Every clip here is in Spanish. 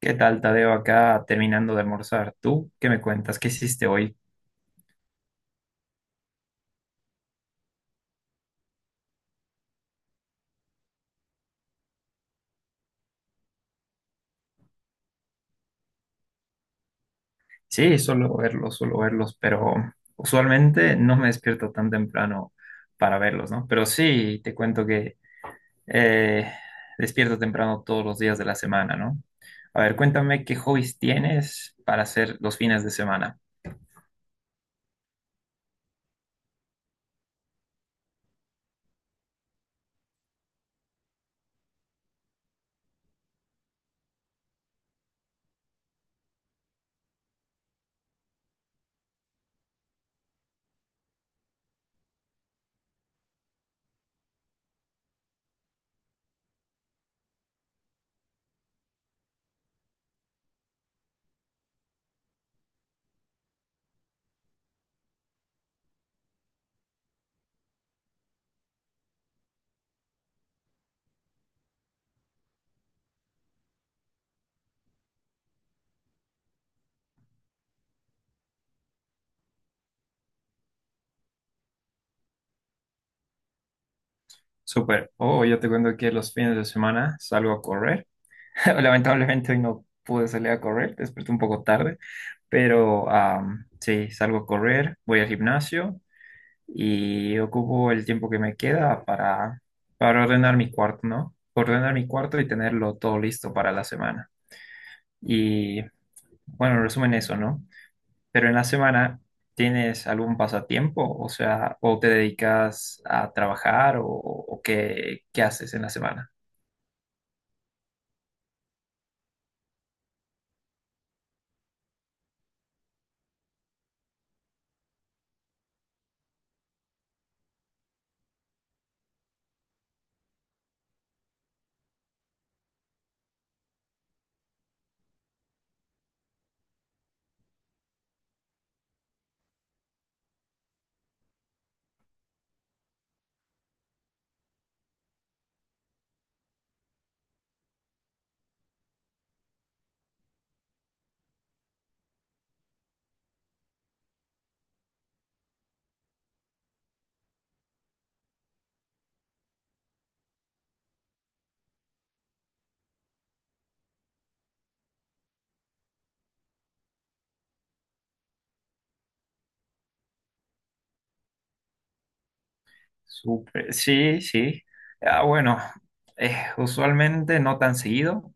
¿Qué tal, Tadeo? Acá terminando de almorzar. ¿Tú qué me cuentas? ¿Qué hiciste hoy? Sí, suelo verlos, pero usualmente no me despierto tan temprano para verlos, ¿no? Pero sí, te cuento que eh, despierto temprano todos los días de la semana, ¿no? A ver, cuéntame qué hobbies tienes para hacer los fines de semana. Súper. Oh, yo te cuento que los fines de semana salgo a correr. Lamentablemente hoy no pude salir a correr, desperté un poco tarde. Pero sí, salgo a correr, voy al gimnasio y ocupo el tiempo que me queda para ordenar mi cuarto, ¿no? Ordenar mi cuarto y tenerlo todo listo para la semana. Y bueno, en resumen eso, ¿no? Pero en la semana, ¿tienes algún pasatiempo? O sea, ¿o te dedicas a trabajar o qué, qué haces en la semana? Súper, sí, sí. Ah, bueno, usualmente no tan seguido.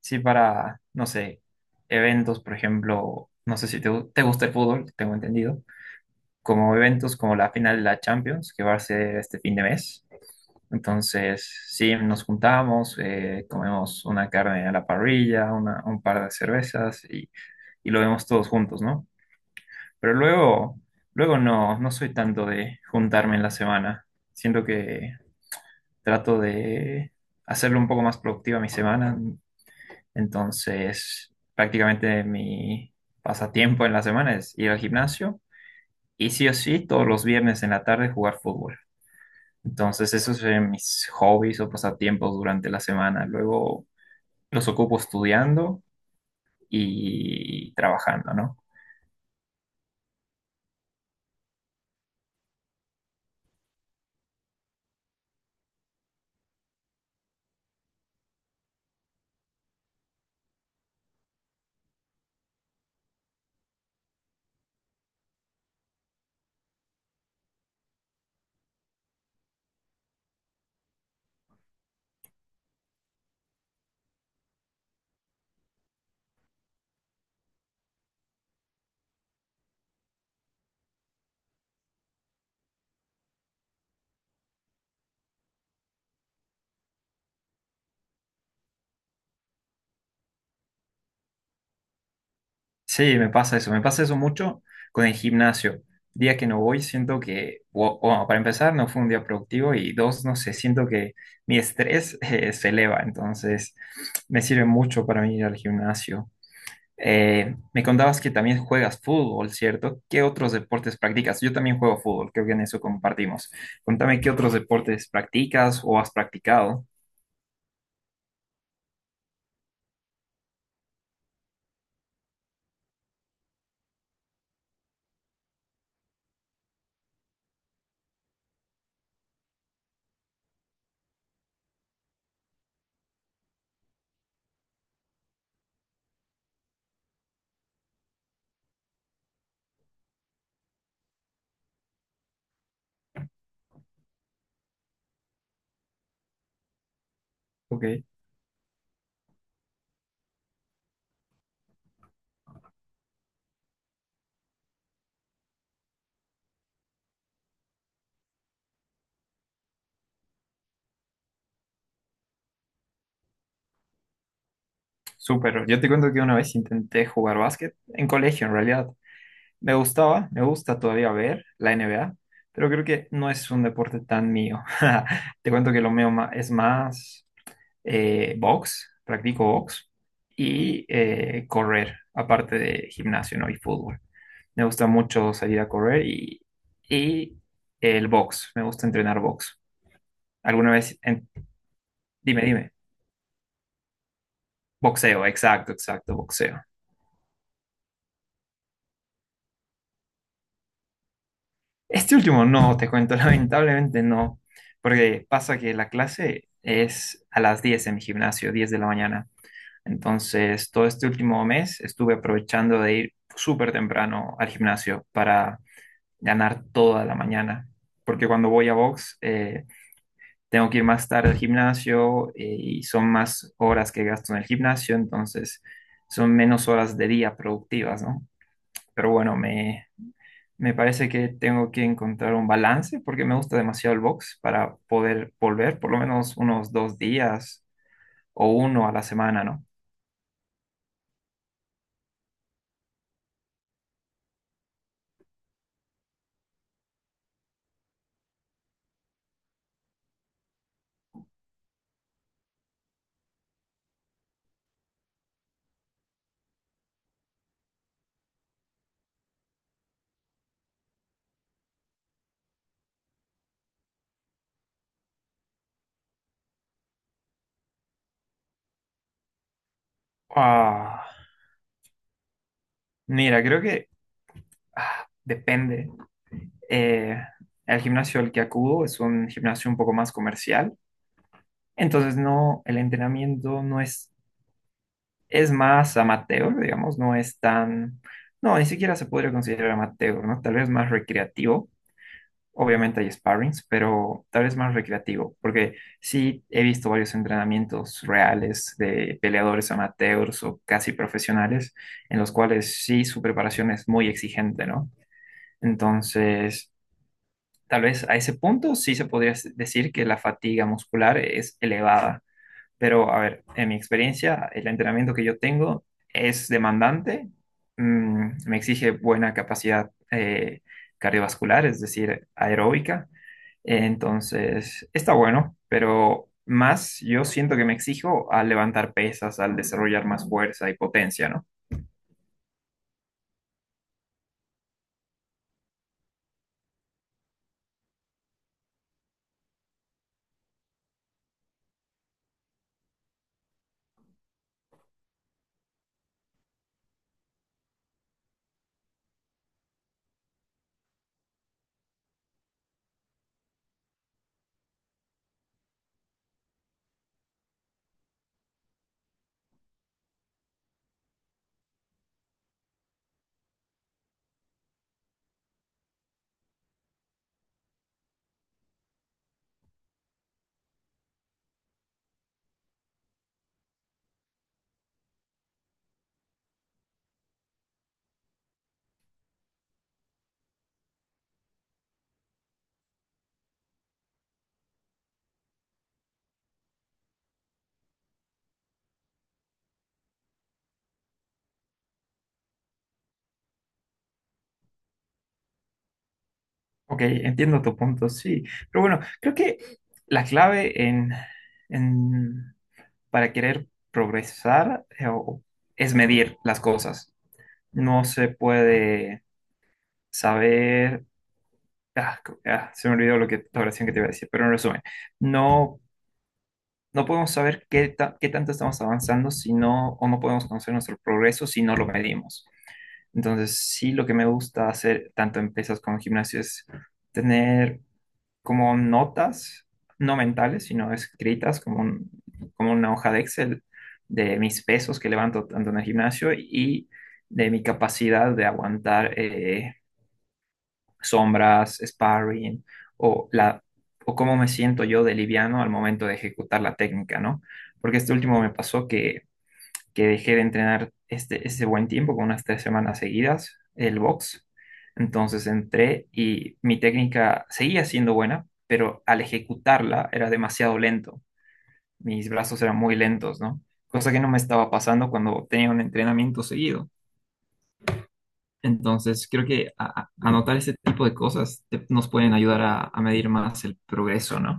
Sí, para, no sé, eventos, por ejemplo, no sé si te gusta el fútbol, tengo entendido, como eventos como la final de la Champions, que va a ser este fin de mes. Entonces, sí, nos juntamos, comemos una carne a la parrilla, un par de cervezas y lo vemos todos juntos, ¿no? Pero luego no, no soy tanto de juntarme en la semana. Siento que trato de hacerlo un poco más productiva mi semana. Entonces, prácticamente mi pasatiempo en la semana es ir al gimnasio y sí o sí todos los viernes en la tarde jugar fútbol. Entonces, esos son mis hobbies o pasatiempos durante la semana. Luego los ocupo estudiando y trabajando, ¿no? Sí, me pasa eso mucho con el gimnasio. Día que no voy, siento que, bueno, para empezar, no fue un día productivo y dos, no sé, siento que mi estrés se eleva, entonces me sirve mucho para mí ir al gimnasio. Me contabas que también juegas fútbol, ¿cierto? ¿Qué otros deportes practicas? Yo también juego fútbol, creo que en eso compartimos. Contame qué otros deportes practicas o has practicado. Ok, súper. Yo te cuento que una vez intenté jugar básquet en colegio, en realidad. Me gustaba, me gusta todavía ver la NBA, pero creo que no es un deporte tan mío. Te cuento que lo mío es más box, practico box y correr, aparte de gimnasio, ¿no? Y fútbol. Me gusta mucho salir a correr y el box, me gusta entrenar box. ¿Alguna vez? Dime, dime. Boxeo, exacto, exacto, boxeo. Este último no, te cuento, lamentablemente no, porque pasa que la clase es a las 10 en mi gimnasio, 10 de la mañana. Entonces, todo este último mes estuve aprovechando de ir súper temprano al gimnasio para ganar toda la mañana, porque cuando voy a box tengo que ir más tarde al gimnasio y son más horas que gasto en el gimnasio, entonces son menos horas de día productivas, ¿no? Pero bueno, me parece que tengo que encontrar un balance porque me gusta demasiado el box para poder volver por lo menos unos 2 días o uno a la semana, ¿no? Ah, mira, creo que depende. Eh, el gimnasio al que acudo es un gimnasio un poco más comercial, entonces no, el entrenamiento no es más amateur, digamos, no es tan, no, ni siquiera se podría considerar amateur, ¿no? Tal vez más recreativo. Obviamente hay sparrings, pero tal vez más recreativo, porque sí he visto varios entrenamientos reales de peleadores amateurs o casi profesionales, en los cuales sí su preparación es muy exigente, ¿no? Entonces, tal vez a ese punto sí se podría decir que la fatiga muscular es elevada, pero, a ver, en mi experiencia, el entrenamiento que yo tengo es demandante, me exige buena capacidad cardiovascular, es decir, aeróbica. Entonces, está bueno, pero más yo siento que me exijo al levantar pesas, al desarrollar más fuerza y potencia, ¿no? Ok, entiendo tu punto, sí. Pero bueno, creo que la clave en- para querer progresar es medir las cosas. No se puede saber. Ah, se me olvidó lo que, la oración que te iba a decir, pero en resumen, no, no podemos saber qué tanto estamos avanzando si no, o no podemos conocer nuestro progreso si no lo medimos. Entonces, sí, lo que me gusta hacer, tanto en pesas como en gimnasio, es tener como notas, no mentales, sino escritas, como una hoja de Excel de mis pesos que levanto tanto en el gimnasio y de mi capacidad de aguantar, sombras, sparring o la o cómo me siento yo de liviano al momento de ejecutar la técnica, ¿no? Porque este último me pasó que dejé de entrenar ese buen tiempo, con unas 3 semanas seguidas, el box. Entonces entré y mi técnica seguía siendo buena, pero al ejecutarla era demasiado lento. Mis brazos eran muy lentos, ¿no? Cosa que no me estaba pasando cuando tenía un entrenamiento seguido. Entonces, creo que anotar ese tipo de cosas nos pueden ayudar a medir más el progreso, ¿no?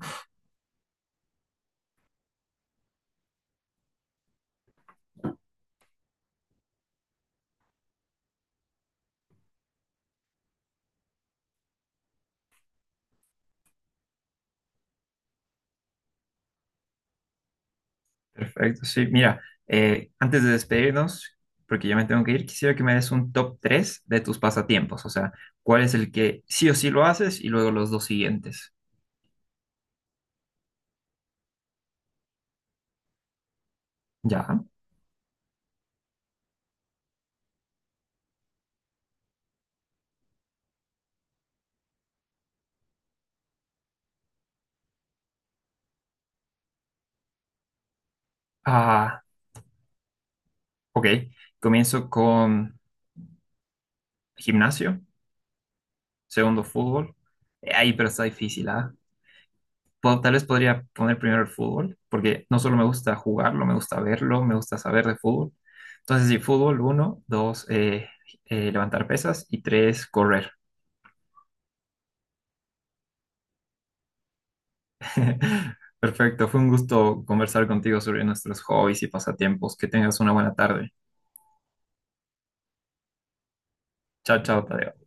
Perfecto, sí. Mira, antes de despedirnos, porque ya me tengo que ir, quisiera que me des un top 3 de tus pasatiempos, o sea, cuál es el que sí o sí lo haces y luego los dos siguientes. Ya. Ah, ok. Comienzo con gimnasio, segundo fútbol. Ahí, pero está difícil, ¿ah? Tal vez podría poner primero el fútbol, porque no solo me gusta jugarlo, me gusta verlo, me gusta saber de fútbol. Entonces, sí, fútbol, uno, dos, levantar pesas y tres, correr. Perfecto, fue un gusto conversar contigo sobre nuestros hobbies y pasatiempos. Que tengas una buena tarde. Chao, chao, Tadeo.